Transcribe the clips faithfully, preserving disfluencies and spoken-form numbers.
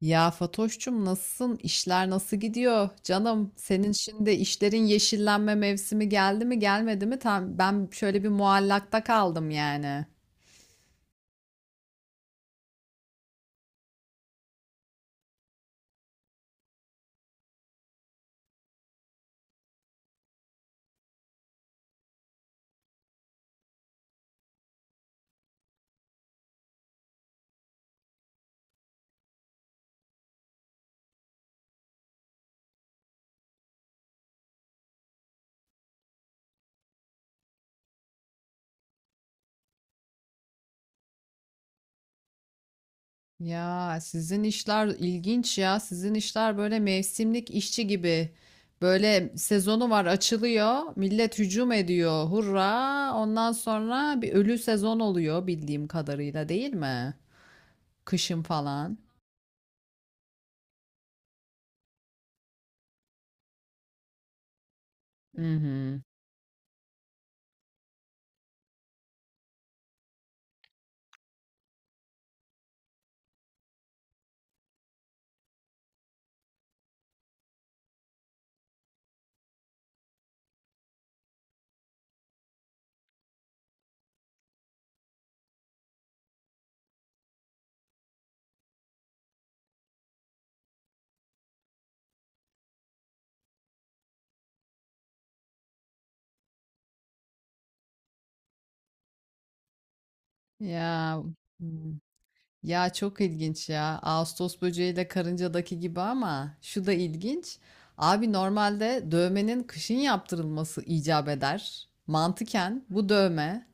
Ya Fatoş'cum nasılsın? İşler nasıl gidiyor? Canım senin şimdi işlerin yeşillenme mevsimi geldi mi gelmedi mi? Tam ben şöyle bir muallakta kaldım yani. Ya sizin işler ilginç ya. Sizin işler böyle mevsimlik işçi gibi. Böyle sezonu var, açılıyor. Millet hücum ediyor. Hurra! Ondan sonra bir ölü sezon oluyor bildiğim kadarıyla, değil mi? Kışın falan. Hı hı. Ya. Hı. Ya, çok ilginç ya. Ağustos böceğiyle karıncadaki gibi, ama şu da ilginç. Abi normalde dövmenin kışın yaptırılması icap eder. Mantıken bu dövme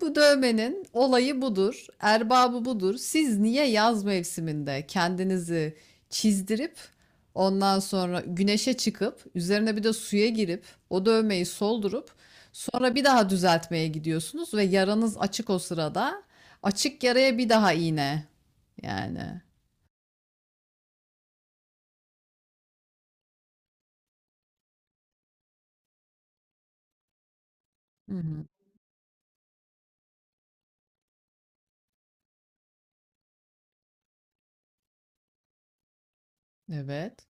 bu dövmenin olayı budur, erbabı budur. Siz niye yaz mevsiminde kendinizi çizdirip ondan sonra güneşe çıkıp üzerine bir de suya girip o dövmeyi soldurup sonra bir daha düzeltmeye gidiyorsunuz ve yaranız açık o sırada. Açık yaraya bir daha iğne. Yani. Hı hı. Evet.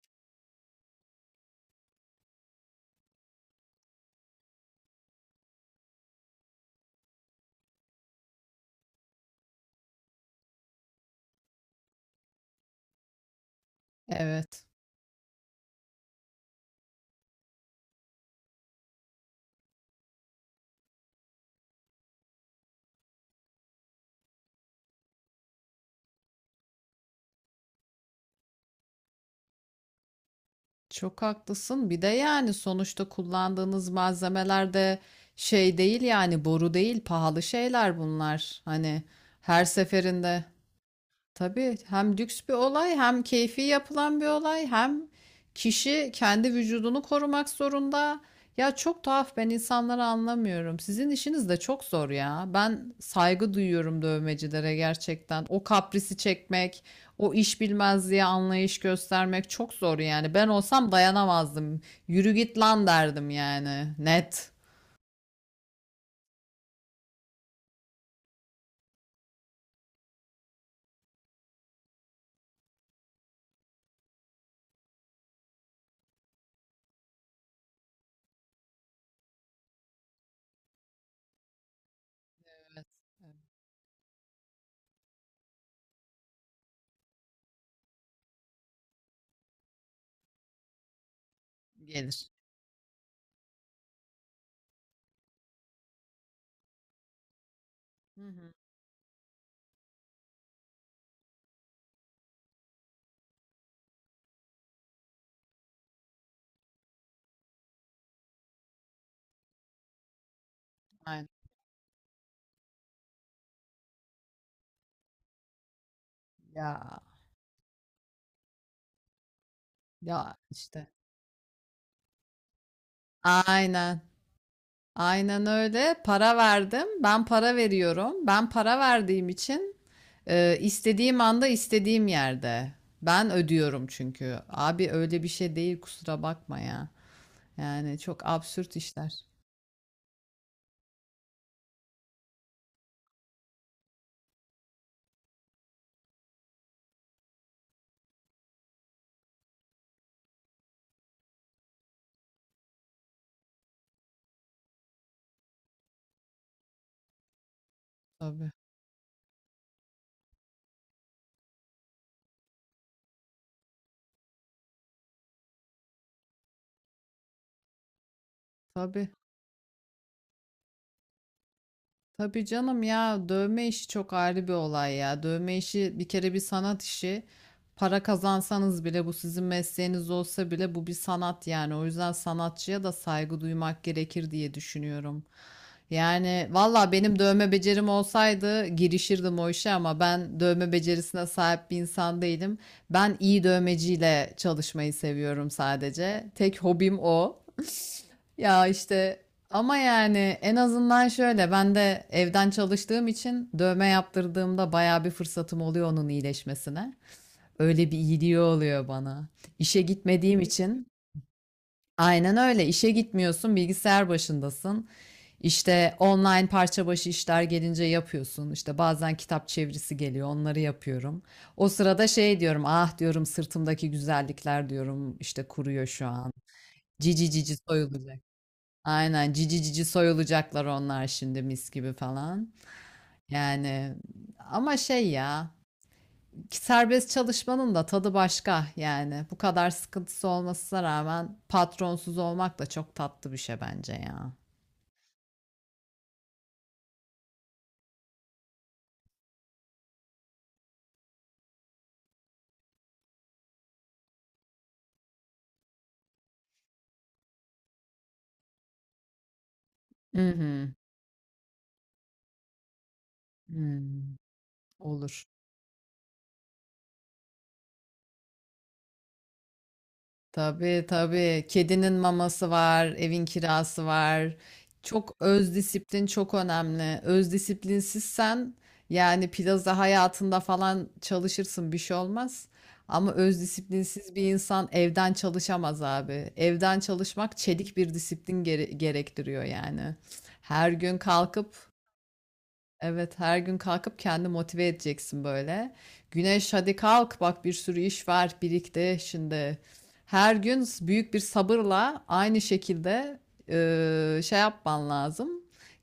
Evet. Çok haklısın. Bir de yani sonuçta kullandığınız malzemeler de şey değil yani, boru değil, pahalı şeyler bunlar. Hani her seferinde. Tabii, hem lüks bir olay, hem keyfi yapılan bir olay, hem kişi kendi vücudunu korumak zorunda. Ya çok tuhaf, ben insanları anlamıyorum. Sizin işiniz de çok zor ya. Ben saygı duyuyorum dövmecilere gerçekten. O kaprisi çekmek, o iş bilmezliğe anlayış göstermek çok zor yani. Ben olsam dayanamazdım. Yürü git lan derdim yani. Net. Evet, evet. Gelir. Hı hı. Aynen. Ya, ya işte. Aynen. Aynen öyle. Para verdim. Ben para veriyorum. Ben para verdiğim için e, istediğim anda istediğim yerde. Ben ödüyorum çünkü. Abi öyle bir şey değil, kusura bakma ya. Yani çok absürt işler. Tabii. Tabii. Tabii canım ya, dövme işi çok ayrı bir olay ya. Dövme işi bir kere bir sanat işi. Para kazansanız bile, bu sizin mesleğiniz olsa bile, bu bir sanat yani. O yüzden sanatçıya da saygı duymak gerekir diye düşünüyorum. Yani valla benim dövme becerim olsaydı girişirdim o işe, ama ben dövme becerisine sahip bir insan değilim. Ben iyi dövmeciyle çalışmayı seviyorum sadece. Tek hobim o. Ya işte ama yani en azından şöyle, ben de evden çalıştığım için dövme yaptırdığımda bayağı bir fırsatım oluyor onun iyileşmesine. Öyle bir iyiliği oluyor bana. İşe gitmediğim için aynen öyle, işe gitmiyorsun, bilgisayar başındasın. İşte online parça başı işler gelince yapıyorsun. İşte bazen kitap çevirisi geliyor, onları yapıyorum. O sırada şey diyorum, ah diyorum sırtımdaki güzellikler diyorum, işte kuruyor şu an. Cici cici soyulacak. Aynen cici cici soyulacaklar onlar şimdi mis gibi falan. Yani ama şey ya, ki serbest çalışmanın da tadı başka yani, bu kadar sıkıntısı olmasına rağmen patronsuz olmak da çok tatlı bir şey bence ya. Hı hı. Hmm. Olur. Tabii tabii. Kedinin maması var, evin kirası var. Çok öz disiplin çok önemli. Öz disiplinsizsen yani plaza hayatında falan çalışırsın bir şey olmaz. Ama öz disiplinsiz bir insan evden çalışamaz abi. Evden çalışmak çelik bir disiplin gere- gerektiriyor yani. Her gün kalkıp evet, her gün kalkıp kendi motive edeceksin böyle. Güneş hadi kalk bak, bir sürü iş var birikti şimdi. Her gün s- büyük bir sabırla aynı şekilde eee, şey yapman lazım.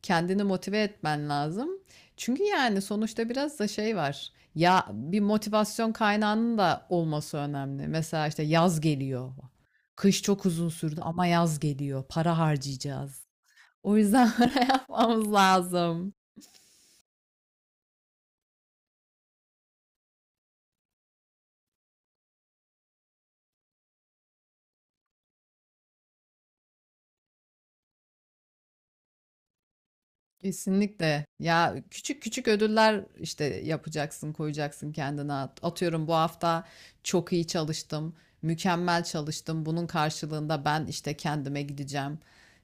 Kendini motive etmen lazım. Çünkü yani sonuçta biraz da şey var. Ya bir motivasyon kaynağının da olması önemli. Mesela işte yaz geliyor. Kış çok uzun sürdü ama yaz geliyor. Para harcayacağız. O yüzden para yapmamız lazım. Kesinlikle. Ya küçük küçük ödüller işte yapacaksın, koyacaksın kendine. At- Atıyorum bu hafta çok iyi çalıştım, mükemmel çalıştım. Bunun karşılığında ben işte kendime gideceğim.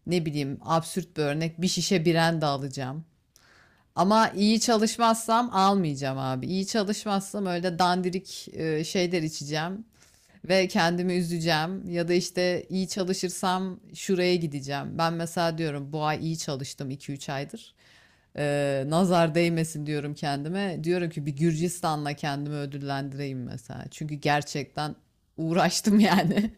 Ne bileyim, absürt bir örnek, bir şişe biren de alacağım. Ama iyi çalışmazsam almayacağım abi. İyi çalışmazsam öyle dandirik e, şeyler içeceğim ve kendimi üzeceğim, ya da işte iyi çalışırsam şuraya gideceğim. Ben mesela diyorum bu ay iyi çalıştım iki üç aydır. Ee, nazar değmesin diyorum kendime. Diyorum ki bir Gürcistan'la kendimi ödüllendireyim mesela. Çünkü gerçekten uğraştım yani.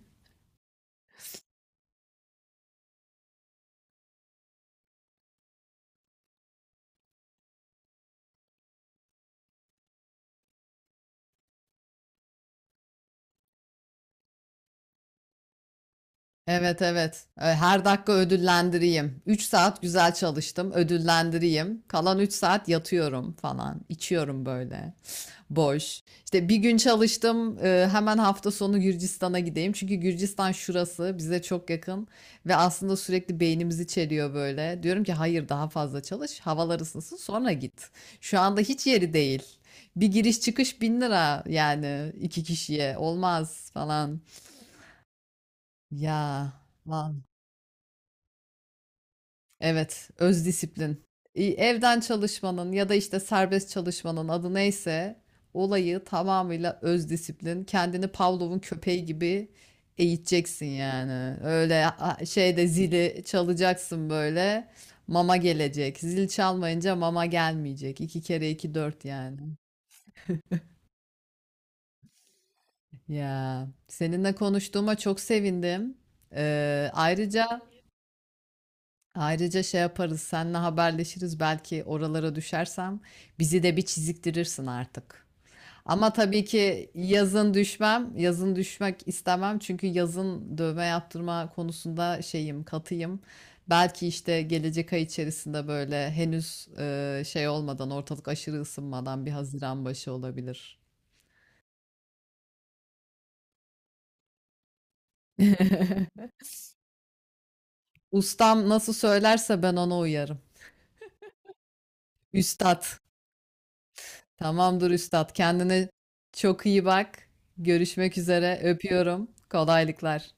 Evet evet. E, Her dakika ödüllendireyim. Üç saat güzel çalıştım, ödüllendireyim. Kalan üç saat yatıyorum falan. İçiyorum böyle. Boş. İşte bir gün çalıştım. e, Hemen hafta sonu Gürcistan'a gideyim. Çünkü Gürcistan şurası bize çok yakın ve aslında sürekli beynimizi çeliyor böyle. Diyorum ki hayır, daha fazla çalış. Havalar ısınsın sonra git. Şu anda hiç yeri değil. Bir giriş çıkış bin lira yani, iki kişiye olmaz falan. Ya. Evet, öz disiplin. İ- Evden çalışmanın ya da işte serbest çalışmanın adı neyse, olayı tamamıyla öz disiplin. Kendini Pavlov'un köpeği gibi eğiteceksin yani. Öyle a- şeyde zili çalacaksın böyle, mama gelecek. Zil çalmayınca mama gelmeyecek. İki kere iki dört yani. Ya seninle konuştuğuma çok sevindim. Ee, ayrıca Ayrıca şey yaparız, seninle haberleşiriz, belki oralara düşersem bizi de bir çiziktirirsin artık. Ama tabii ki yazın düşmem, yazın düşmek istemem çünkü yazın dövme yaptırma konusunda şeyim, katıyım. Belki işte gelecek ay içerisinde böyle henüz e, şey olmadan, ortalık aşırı ısınmadan, bir Haziran başı olabilir. Ustam nasıl söylerse ben ona uyarım. Üstad. Tamamdır üstad. Kendine çok iyi bak. Görüşmek üzere. Öpüyorum. Kolaylıklar.